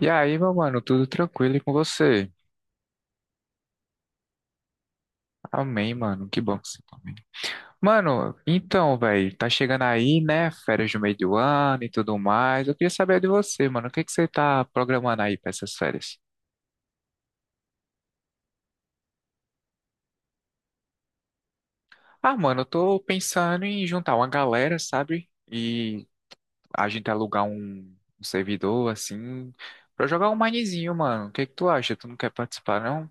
E aí, meu mano, tudo tranquilo e com você? Amém, mano. Que bom que você tá bem. Mano, então, velho, tá chegando aí, né? Férias do meio do ano e tudo mais. Eu queria saber de você, mano. O que que você tá programando aí pra essas férias? Ah, mano, eu tô pensando em juntar uma galera, sabe? E a gente alugar um servidor, assim, pra jogar um minezinho, mano. O que que tu acha? Tu não quer participar, não?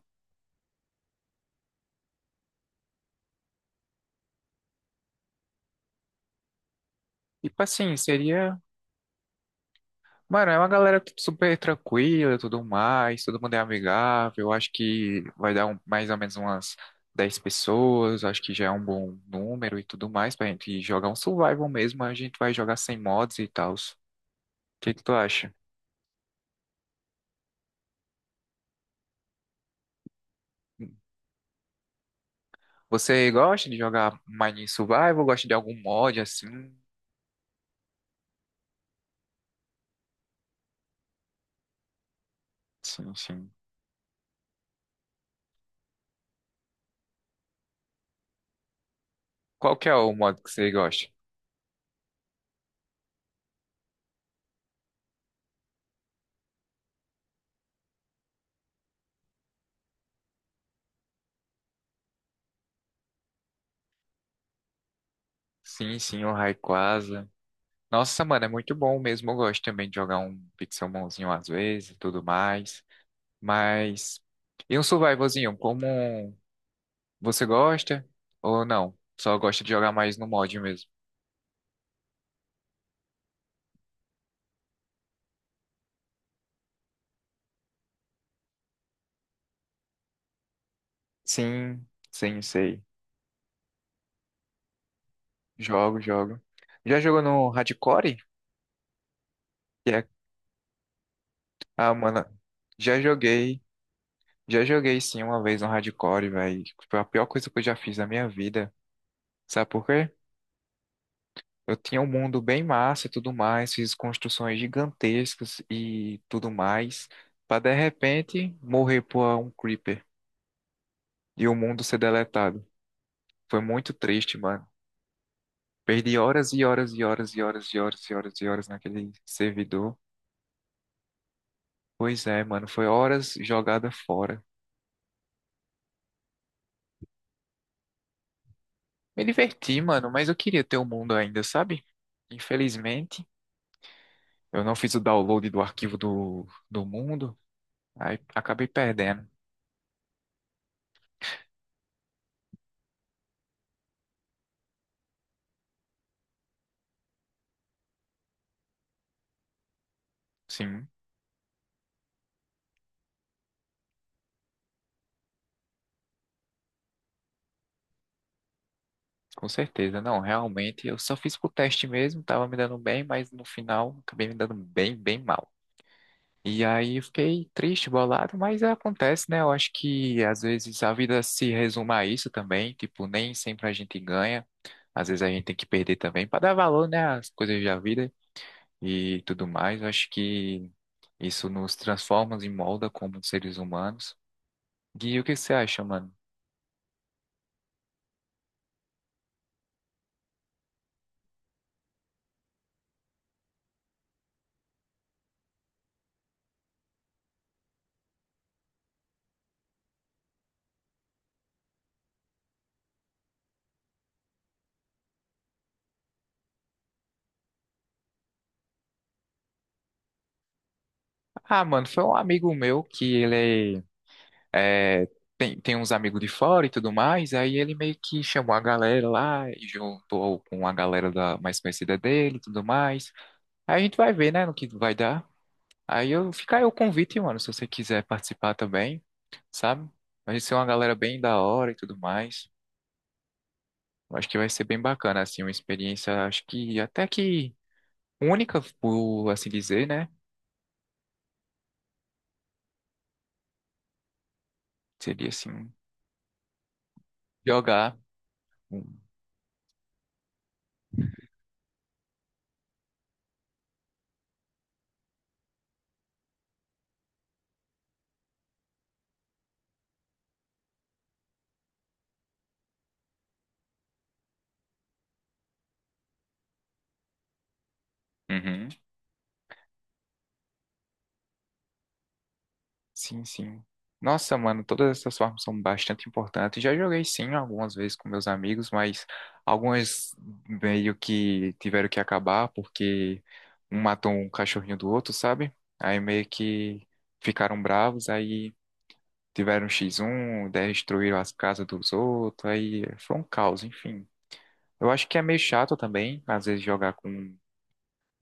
Tipo assim, seria. Mano, é uma galera tipo, super tranquila e tudo mais, todo mundo é amigável. Eu Acho que vai dar mais ou menos umas 10 pessoas, acho que já é um bom número e tudo mais pra gente jogar um survival mesmo. A gente vai jogar sem mods e tal. O que que tu acha? Você gosta de jogar Mining Survival? Gosta de algum mod assim? Sim, sim. Qual que é o mod que você gosta? Sim, sim, o Rayquaza. Nossa, mano, é muito bom mesmo. Eu gosto também de jogar um Pixelmonzinho às vezes e tudo mais. Mas. E um survivalzinho, como você gosta ou não? Só gosta de jogar mais no mod mesmo? Sim, sim, sei. Jogo, jogo. Já jogou no Hardcore? Que é... Ah, mano, já joguei. Já joguei sim uma vez no Hardcore, velho. Foi a pior coisa que eu já fiz na minha vida. Sabe por quê? Eu tinha um mundo bem massa e tudo mais, fiz construções gigantescas e tudo mais, pra de repente morrer por um creeper e o mundo ser deletado. Foi muito triste, mano. Perdi horas e horas e horas e horas e horas e horas e horas naquele servidor. Pois é, mano, foi horas jogada fora. Me diverti, mano, mas eu queria ter o mundo ainda, sabe? Infelizmente, eu não fiz o download do arquivo do mundo, aí acabei perdendo. Sim, com certeza. Não, realmente, eu só fiz pro teste mesmo, tava me dando bem, mas no final acabei me dando bem, bem mal. E aí eu fiquei triste, bolado, mas acontece, né? Eu acho que às vezes a vida se resume a isso também, tipo, nem sempre a gente ganha, às vezes a gente tem que perder também para dar valor, né, às coisas da vida e tudo mais. Eu acho que isso nos transforma e molda como seres humanos. Gui, o que você acha, mano? Ah, mano, foi um amigo meu que é, tem, tem uns amigos de fora e tudo mais, aí ele meio que chamou a galera lá e juntou com a galera da, mais conhecida dele e tudo mais. Aí a gente vai ver, né, no que vai dar. Aí eu fica aí o convite, mano, se você quiser participar também, sabe? Vai ser uma galera bem da hora e tudo mais. Eu acho que vai ser bem bacana, assim, uma experiência, acho que até que única, por assim dizer, né? Seria assim, jogar. Um, Uhum. Sim, sim. Nossa, mano, todas essas formas são bastante importantes. Já joguei sim algumas vezes com meus amigos, mas algumas meio que tiveram que acabar porque um matou um cachorrinho do outro, sabe? Aí meio que ficaram bravos, aí tiveram X1, destruíram as casas dos outros, aí foi um caos, enfim. Eu acho que é meio chato também, às vezes, jogar com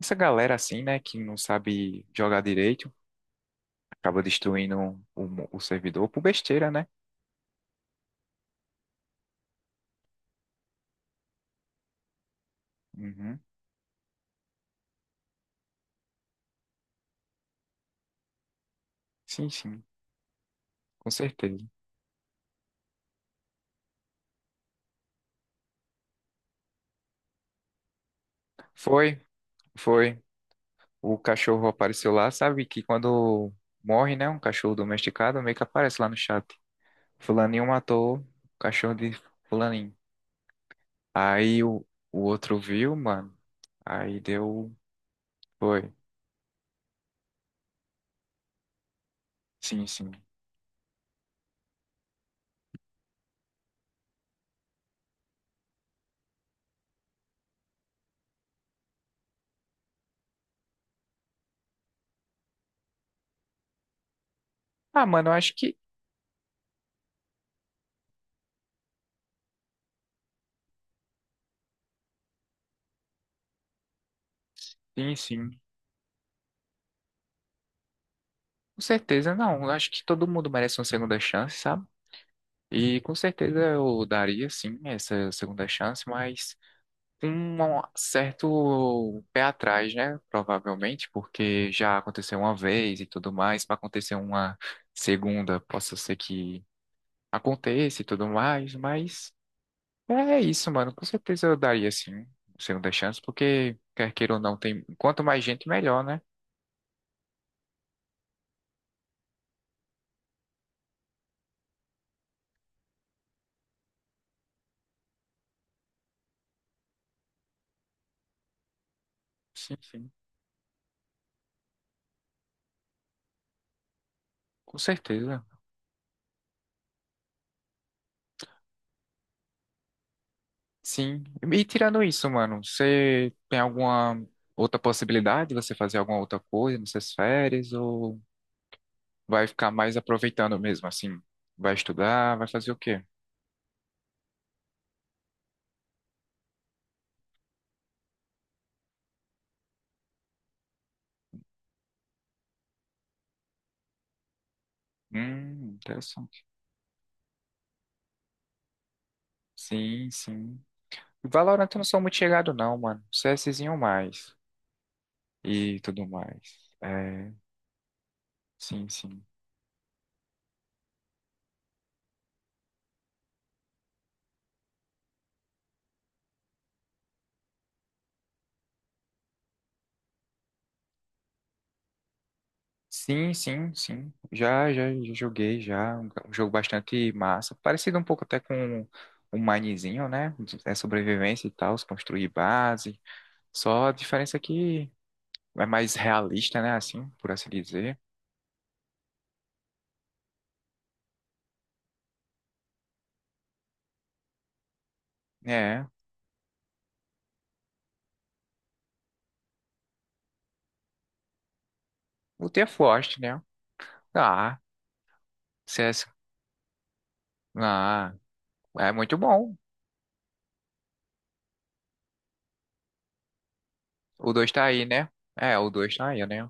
essa galera assim, né, que não sabe jogar direito, acaba destruindo o servidor por besteira, né? Uhum. Sim, sim, com certeza. Foi, foi. O cachorro apareceu lá, sabe que quando morre, né, um cachorro domesticado, meio que aparece lá no chat. Fulaninho matou o cachorro de fulaninho. Aí o, o outro viu, mano. Aí deu. Foi. Sim, sim. Ah, mano, eu acho que. Sim, sim. Com certeza, não. Eu acho que todo mundo merece uma segunda chance, sabe? E com certeza eu daria, sim, essa segunda chance, mas. Um certo pé atrás, né? Provavelmente, porque já aconteceu uma vez e tudo mais, para acontecer uma segunda, possa ser que aconteça e tudo mais, mas é isso, mano. Com certeza eu daria assim, uma segunda chance, porque quer queira ou não, tem quanto mais gente, melhor, né? Sim, sim. Com certeza. Sim. E tirando isso, mano, você tem alguma outra possibilidade de você fazer alguma outra coisa nessas férias ou vai ficar mais aproveitando mesmo, assim. Vai estudar, vai fazer o quê? Interessante. Sim, sim. Valorant eu não sou muito chegado, não, mano. CSzinho mais. E tudo mais. É, sim, sim. Sim, sim, sim. Já joguei, já. Um jogo bastante massa. Parecido um pouco até com o Minezinho, né? É sobrevivência e tal, se construir base. Só a diferença é que é mais realista, né? Assim, por assim dizer. É. O The Forest, né? Ah, CS. Ah, é muito bom. O 2 tá aí, né? É, o dois tá aí, né?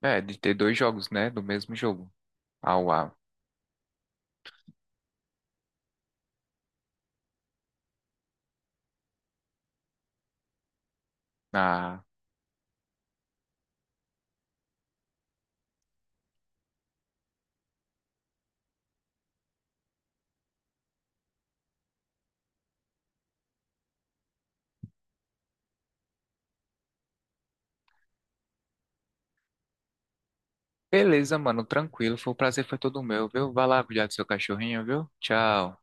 É, de ter dois jogos, né? Do mesmo jogo. Ah, uau. Ah, beleza, mano. Tranquilo. Foi um prazer, foi todo meu, viu? Vai lá cuidar do seu cachorrinho, viu? Tchau.